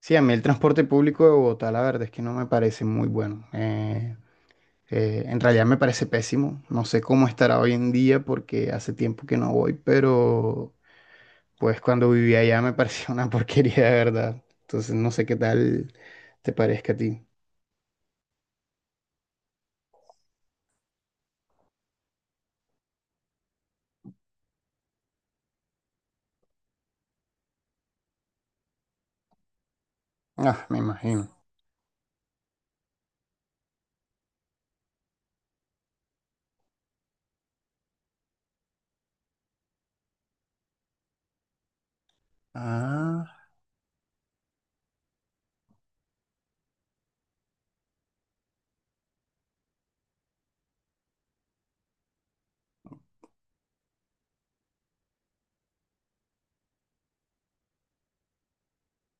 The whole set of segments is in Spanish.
Sí, a mí el transporte público de Bogotá, la verdad es que no me parece muy bueno. En realidad me parece pésimo. No sé cómo estará hoy en día porque hace tiempo que no voy, pero pues cuando vivía allá me parecía una porquería de verdad. Entonces no sé qué tal te parezca a ti. Ah, me imagino. Ah,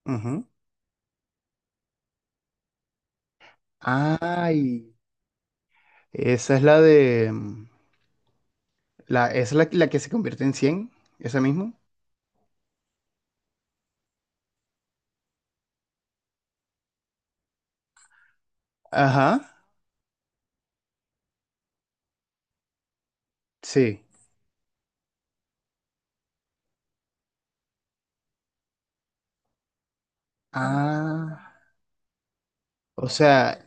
ujú. Ay, esa es la de... mm, La, esa es la, la que se convierte en 100, esa misma. Ajá, sí. Ah, o sea,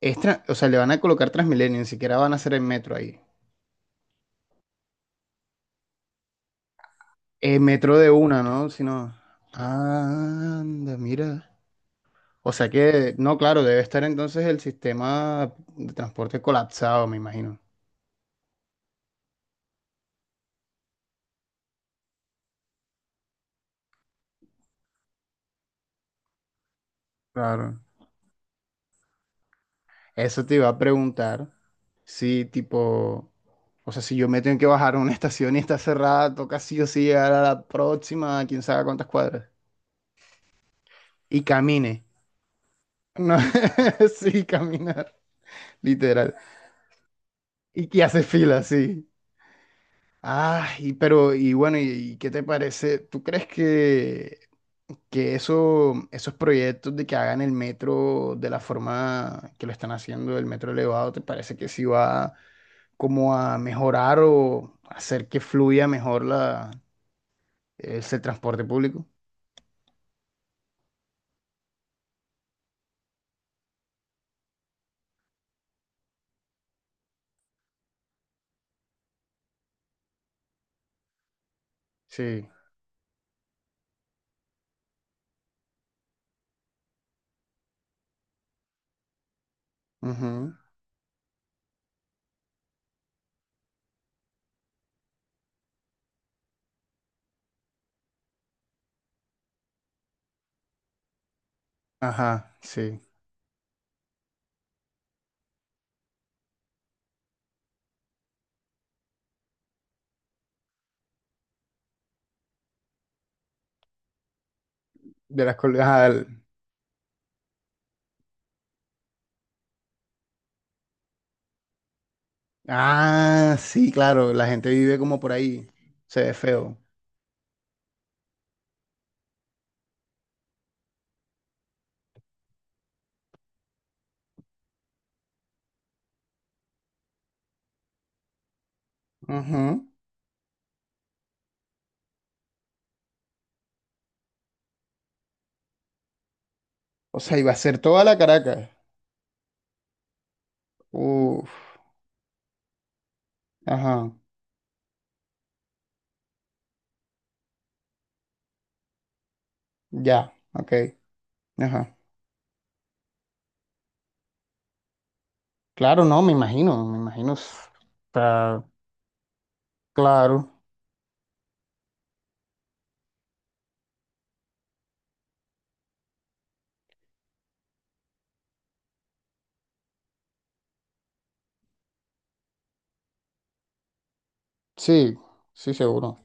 Le van a colocar Transmilenio, ni siquiera van a hacer el metro ahí. El metro de una, ¿no? Sino. Anda, mira. O sea que, no, claro, debe estar entonces el sistema de transporte colapsado, me imagino. Claro. Eso te iba a preguntar si, tipo, o sea, si yo me tengo que bajar a una estación y está cerrada, toca sí o sí llegar a la próxima, quién sabe cuántas cuadras. Y camine. No, sí, caminar, literal. Y que hace fila, sí. Ah, y pero, y bueno, y qué te parece? ¿Tú crees que, esos proyectos de que hagan el metro de la forma que lo están haciendo, el metro elevado, ¿te parece que sí va como a mejorar o hacer que fluya mejor ese transporte público? Sí. Ujú. Ajá, sí. Ajá. Ah, sí, claro, la gente vive como por ahí. Se ve feo. Ujú. O sea, iba a ser toda la Caracas. Uf. Ajá, ya, ok, ajá. Claro, no, me imagino, me imagino. Pa- claro, sí, sí, seguro.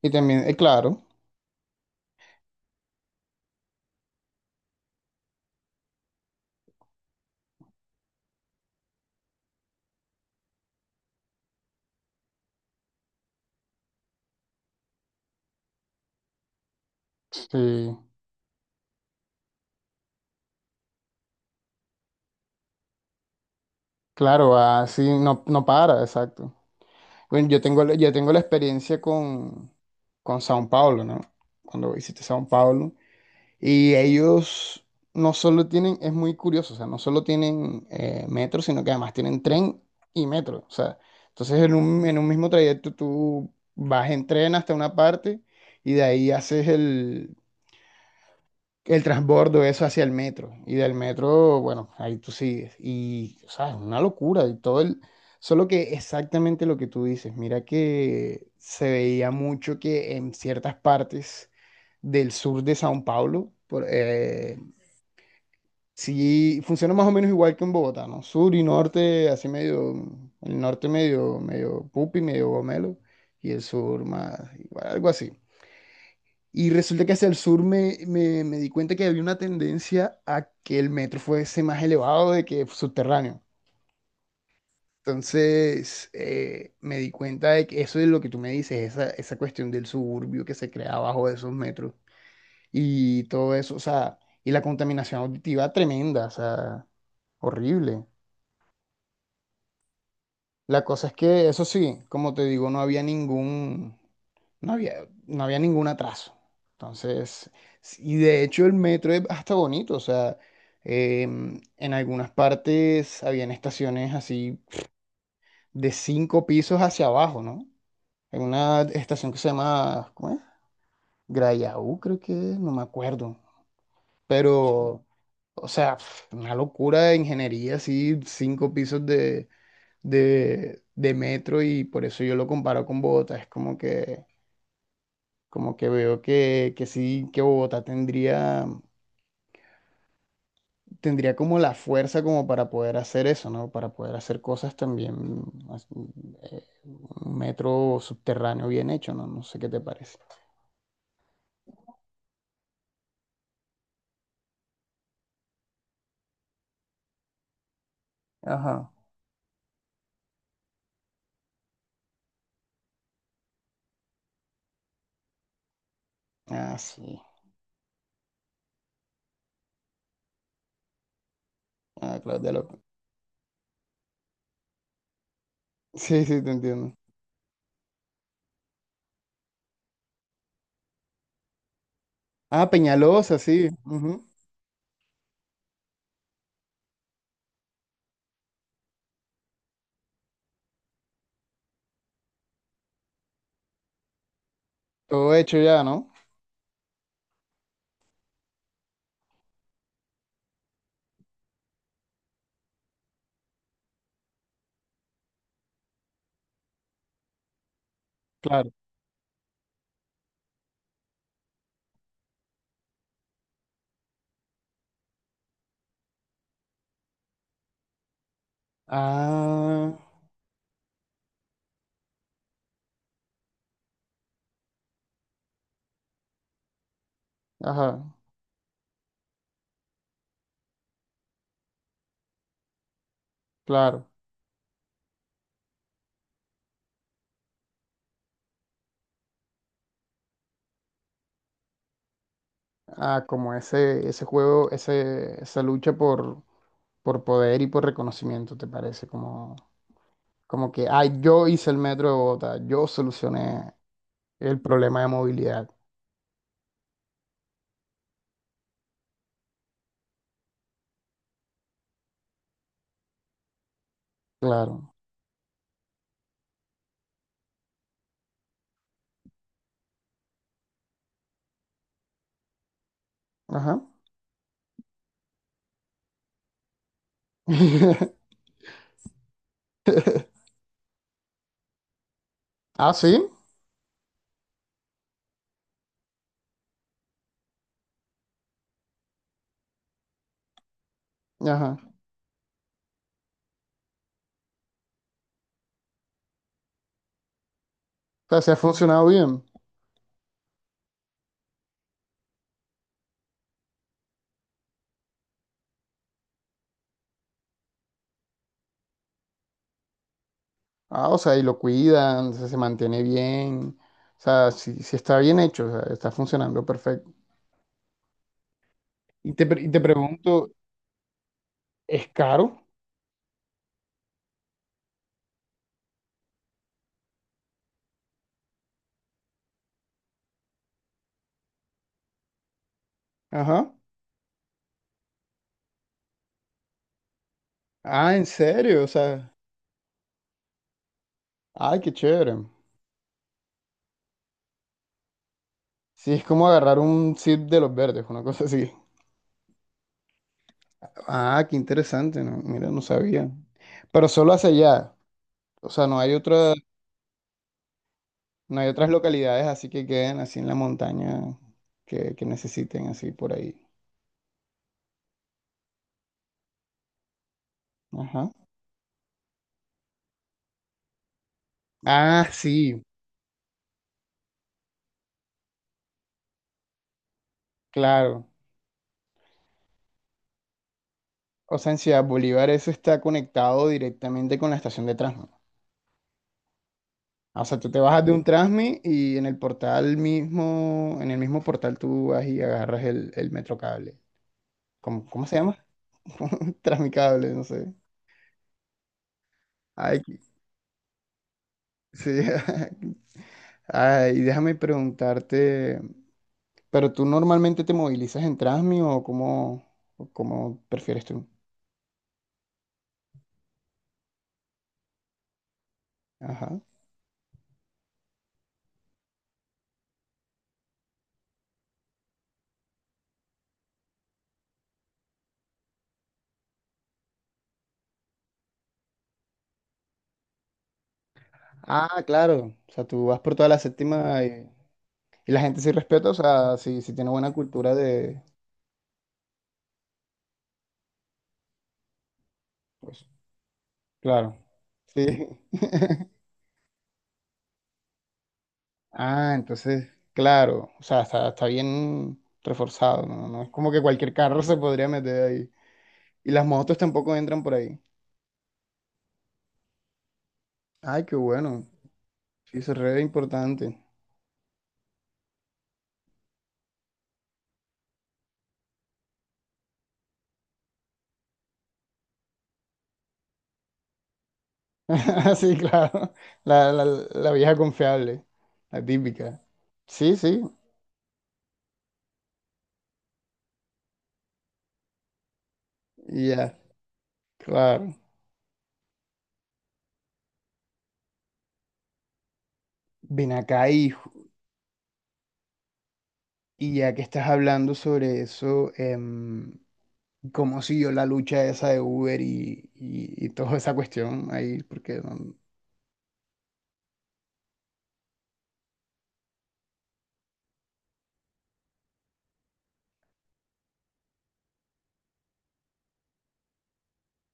Y también, claro, sí, claro, así no, no para, exacto. Bueno, yo tengo la experiencia con Sao Paulo, ¿no? Cuando visité Sao Paulo. Y ellos no solo tienen, es muy curioso, o sea, no solo tienen metro, sino que además tienen tren y metro. O sea, entonces en un mismo trayecto tú vas en tren hasta una parte y de ahí haces el transbordo eso hacia el metro. Y del metro, bueno, ahí tú sigues. Y, o sea, es una locura. Solo que exactamente lo que tú dices, mira que se veía mucho que en ciertas partes del sur de Sao Paulo. Sí, funciona más o menos igual que en Bogotá, ¿no? Sur y norte, así medio, el norte medio, medio pupi, medio gomelo, y el sur más, igual, algo así. Y resulta que hacia el sur me di cuenta que había una tendencia a que el metro fuese más elevado de que subterráneo. Entonces, me di cuenta de que eso es lo que tú me dices, esa cuestión del suburbio que se crea abajo de esos metros y todo eso, o sea, y la contaminación auditiva tremenda, o sea, horrible. La cosa es que, eso sí, como te digo, no había ningún atraso. Entonces, y de hecho el metro es hasta bonito, o sea, en algunas partes habían estaciones así de cinco pisos hacia abajo, ¿no? En una estación que se llama, ¿cómo es? Grayaú, creo que, es, no me acuerdo. Pero, o sea, una locura de ingeniería, así, cinco pisos de metro y por eso yo lo comparo con Bogotá. Es como que veo que sí, que Bogotá tendría como la fuerza como para poder hacer eso, ¿no? Para poder hacer cosas también, as- un metro subterráneo bien hecho, ¿no? No sé qué te parece. Ajá. Ah, sí. Ah, claro, de lo... Sí, sí, te entiendo. Ah, Peñalosa, sí. Ujú. Todo hecho ya, ¿no? Claro. Ah, ajá, claro. A como ese juego, esa lucha por poder y por reconocimiento, ¿te parece? Como que, ay, yo hice el metro de Bogotá, yo solucioné el problema de movilidad. Claro. Ajá. Ah, sí. Ajá. O sea, se ha funcionado bien. Ah, o sea, y lo cuidan, se mantiene bien. O sea, si está bien hecho, o sea, está funcionando perfecto. Y te pregunto, ¿es caro? Ajá. Ah, ¿en serio? O sea, ay, qué chévere. Sí, es como agarrar un zip de los verdes, una cosa así. Ah, qué interesante, ¿no? Mira, no sabía. Pero solo hacia allá. O sea, no hay otras localidades así que queden así en la montaña que necesiten así por ahí. Ajá. Ah, sí, claro. O sea, en Ciudad Bolívar eso está conectado directamente con la estación de Transmi. Ah, o sea, tú te bajas de un Transmi y en el portal mismo, en el mismo portal tú vas y agarras el Metrocable. ¿Cómo se llama? Tras mi cable, no sé. Ay, sí. Ay, déjame preguntarte, ¿pero tú normalmente te movilizas en Transmi o cómo prefieres tú? Ajá. Ah, claro. O sea, tú vas por toda la séptima y la gente sí respeta, o sea, sí, sí tiene buena cultura de... Pues, claro. Sí. Ah, entonces, claro. O sea, está bien reforzado, ¿no? No es como que cualquier carro se podría meter ahí. Y las motos tampoco entran por ahí. Ay, qué bueno. Sí, eso es re importante. Sí, claro. La vieja confiable, la típica. Sí, sí, y ya, claro. Ven acá, hijo. Y ya que estás hablando sobre eso, ¿cómo siguió la lucha esa de Uber y toda esa cuestión ahí? Porque,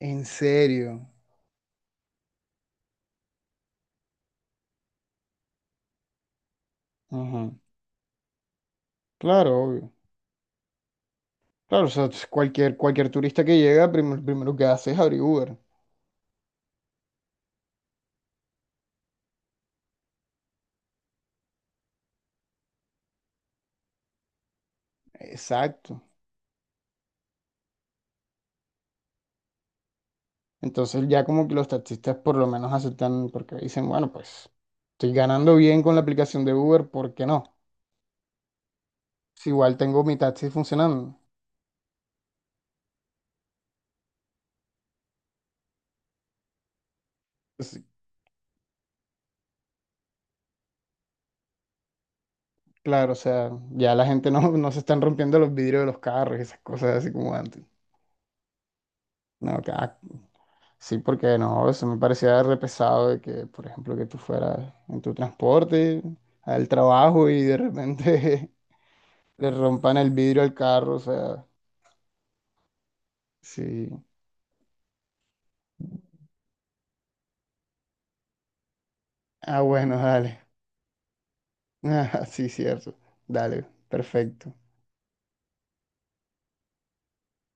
en serio. Ajá. Claro, obvio. Claro, o sea, cualquier turista que llega, primero que hace es abrir Uber. Exacto. Entonces ya como que los taxistas por lo menos aceptan porque dicen, bueno, pues estoy ganando bien con la aplicación de Uber, ¿por qué no? Si igual tengo mi taxi funcionando. Pues, claro, o sea, ya la gente no, no se están rompiendo los vidrios de los carros y esas cosas así como antes. No, que, ah, sí, porque no, eso me parecía re pesado de que, por ejemplo, que tú fueras en tu transporte al trabajo y de repente le rompan el vidrio al carro, o sea, sí. Ah, bueno, dale. Ah, sí, cierto. Dale, perfecto.